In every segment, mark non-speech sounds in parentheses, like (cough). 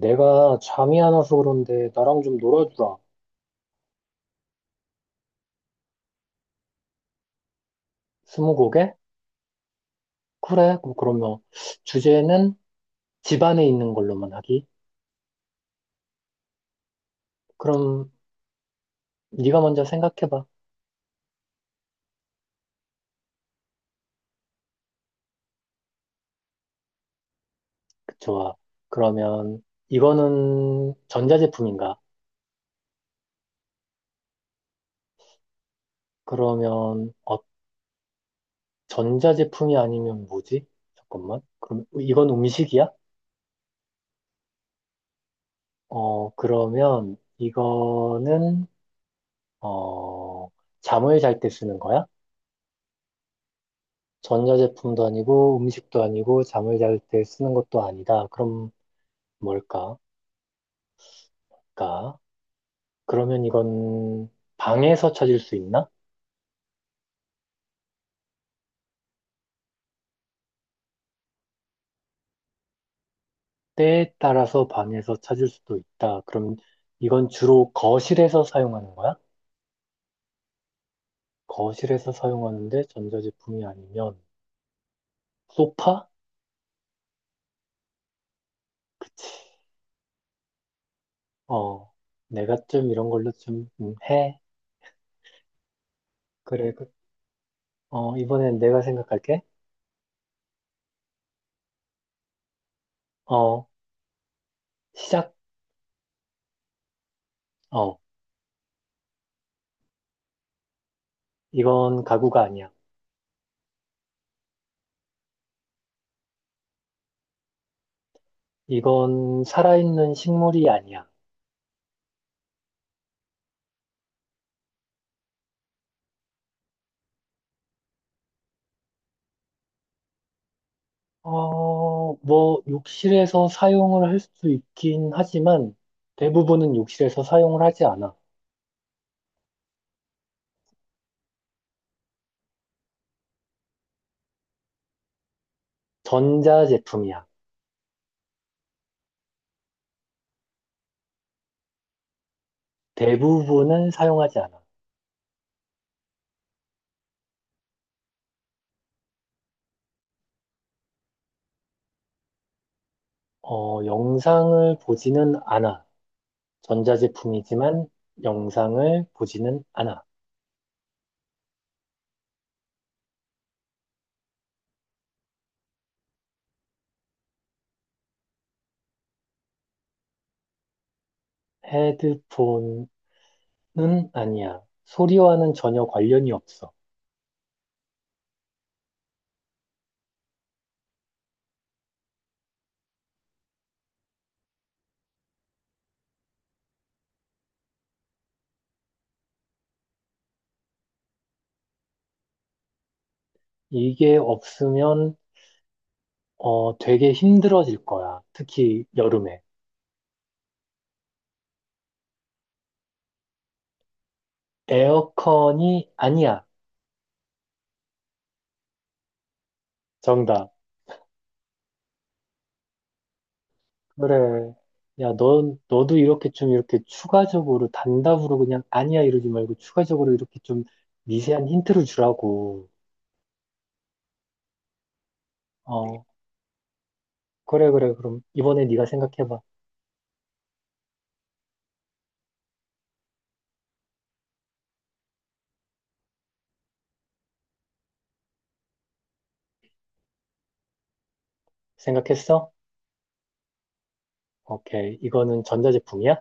내가 잠이 안 와서 그런데 나랑 좀 놀아주라. 스무고개? 그래. 그럼 그러면 주제는 집 안에 있는 걸로만 하기. 그럼 네가 먼저 생각해봐. 좋아. 그러면 이거는 전자제품인가? 그러면 전자제품이 아니면 뭐지? 잠깐만. 그럼 이건 음식이야? 그러면 이거는 어, 잠을 잘 때 쓰는 거야? 전자제품도 아니고 음식도 아니고 잠을 잘 때 쓰는 것도 아니다. 그럼 뭘까? 까? 그러면 이건 방에서 찾을 수 있나? 때에 따라서 방에서 찾을 수도 있다. 그럼 이건 주로 거실에서 사용하는 거야? 거실에서 사용하는데 전자제품이 아니면 소파? 어, 내가 좀 이런 걸로 좀 해. 그래, 어, 이번엔 내가 생각할게. 어, 시작. 어, 이건 가구가 아니야. 이건 살아있는 식물이 아니야. 어, 뭐, 욕실에서 사용을 할 수 있긴 하지만 대부분은 욕실에서 사용을 하지 않아. 전자제품이야. 대부분은 사용하지 않아. 영상을 보지는 않아. 전자제품이지만 영상을 보지는 않아. 헤드폰은 아니야. 소리와는 전혀 관련이 없어. 이게 없으면 되게 힘들어질 거야. 특히 여름에. 에어컨이 아니야. 정답. 그래. 야, 넌, 너도 이렇게 좀 이렇게 추가적으로 단답으로 그냥 아니야 이러지 말고 추가적으로 이렇게 좀 미세한 힌트를 주라고. 어, 그래, 그래. 그럼 이번에 네가 생각해봐. 생각했어? 오케이. 이거는 전자제품이야?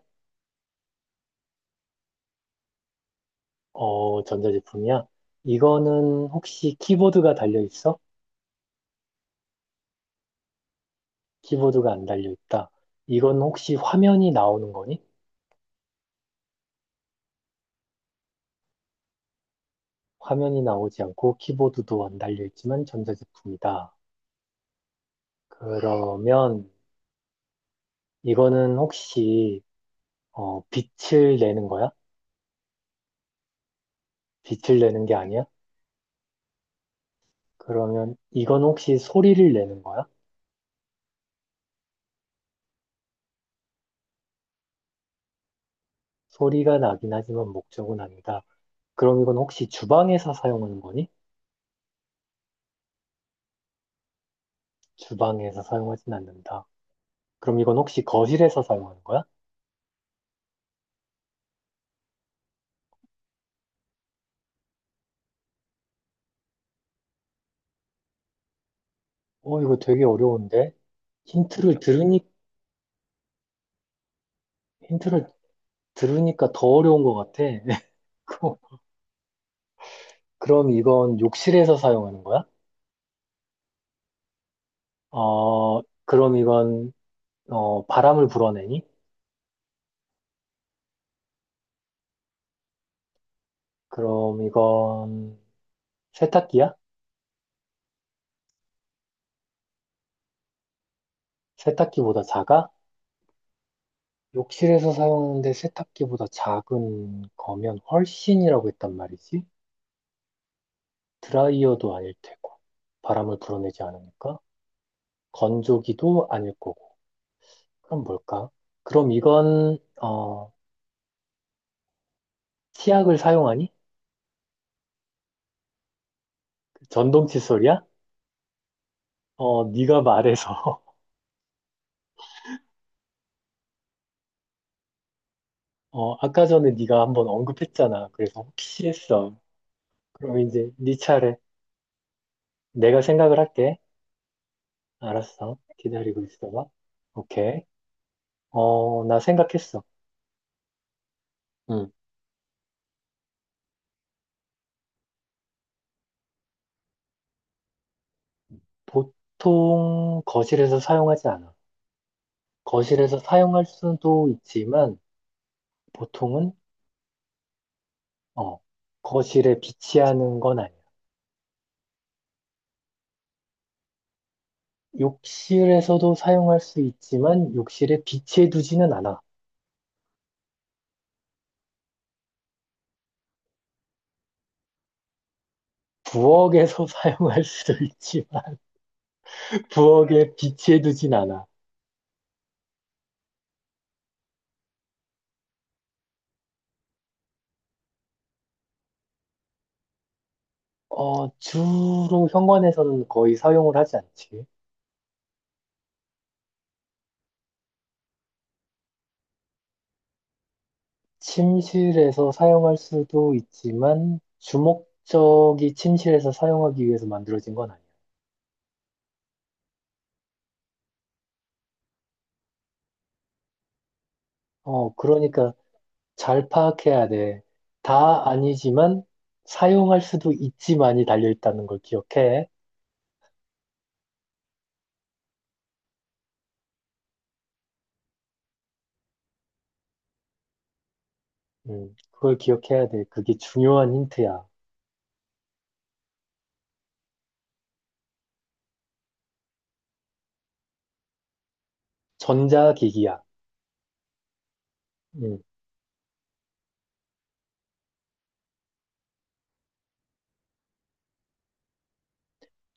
어, 전자제품이야? 이거는 혹시 키보드가 달려있어? 키보드가 안 달려있다. 이건 혹시 화면이 나오는 거니? 화면이 나오지 않고 키보드도 안 달려있지만 전자제품이다. 그러면 이거는 혹시 빛을 내는 거야? 빛을 내는 게 아니야? 그러면 이건 혹시 소리를 내는 거야? 소리가 나긴 하지만 목적은 아니다. 그럼 이건 혹시 주방에서 사용하는 거니? 주방에서 사용하진 않는다. 그럼 이건 혹시 거실에서 사용하는 거야? 어, 이거 되게 어려운데? 힌트를 들으니, 힌트를 들으니까 더 어려운 것 같아. (laughs) 그- 그럼 이건 욕실에서 사용하는 거야? 어, 그럼 이건 바람을 불어내니? 그럼 이건 세탁기야? 세탁기보다 작아? 욕실에서 사용하는데 세탁기보다 작은 거면 훨씬이라고 했단 말이지? 드라이어도 아닐 테고, 바람을 불어내지 않으니까, 건조기도 아닐 거고, 그럼 뭘까? 그럼 이건, 어, 치약을 사용하니? 그 전동 칫솔이야? 어, 네가 말해서, (laughs) 어, 아까 전에 네가 한번 언급했잖아. 그래서 혹시 했어. 그럼 이제 네 차례. 내가 생각을 할게. 알았어. 기다리고 있어봐. 오케이. 어, 나 생각했어. 음, 보통 거실에서 사용하지 않아. 거실에서 사용할 수도 있지만, 보통은, 어, 거실에 비치하는 건 아니야. 욕실에서도 사용할 수 있지만, 욕실에 비치해두지는 않아. 부엌에서 (laughs) 사용할 수도 있지만, 부엌에 비치해두진 않아. 어, 주로 현관에서는 거의 사용을 하지 않지. 침실에서 사용할 수도 있지만 주목적이 침실에서 사용하기 위해서 만들어진 건 아니야. 어, 그러니까 잘 파악해야 돼. 다 아니지만 사용할 수도 있지만이 달려 있다는 걸 기억해. 그걸 기억해야 돼. 그게 중요한 힌트야. 전자기기야. 음,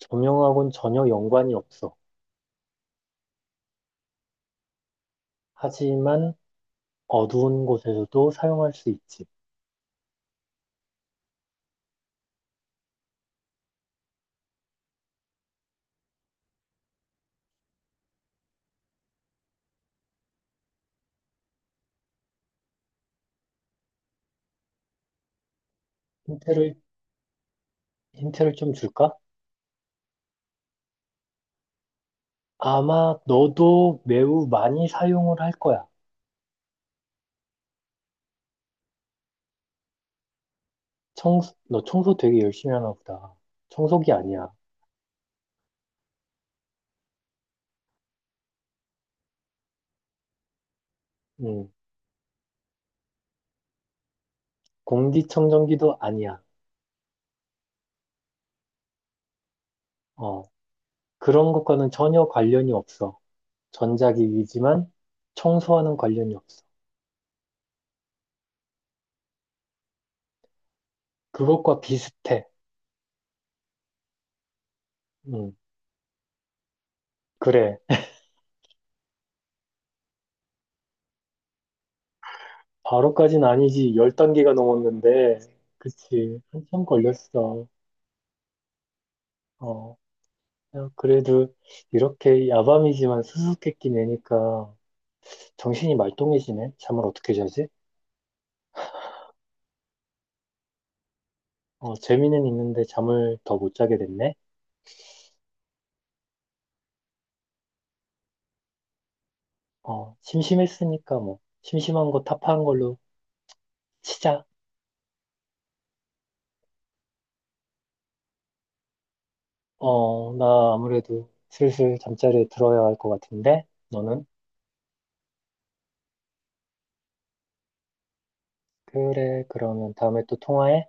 조명하고는 전혀 연관이 없어. 하지만 어두운 곳에서도 사용할 수 있지. 힌트를, 힌트를 좀 줄까? 아마 너도 매우 많이 사용을 할 거야. 청소, 너 청소 되게 열심히 하나 보다. 청소기 아니야. 음, 공기청정기도 아니야. 어, 그런 것과는 전혀 관련이 없어. 전자기기지만 청소하는 관련이 없어. 그것과 비슷해. 음, 그래. 바로까진 아니지. 10단계가 넘었는데. 그치. 한참 걸렸어. 어, 야, 그래도 이렇게 야밤이지만 수수께끼 내니까 정신이 말똥해지네. 잠을 어떻게 자지? 어, 재미는 있는데 잠을 더 못 자게 됐네. 어, 심심했으니까 뭐, 심심한 거 타파한 걸로 치자. 어, 나 아무래도 슬슬 잠자리에 들어야 할 것 같은데? 너는? 그래, 그러면 다음에 또 통화해.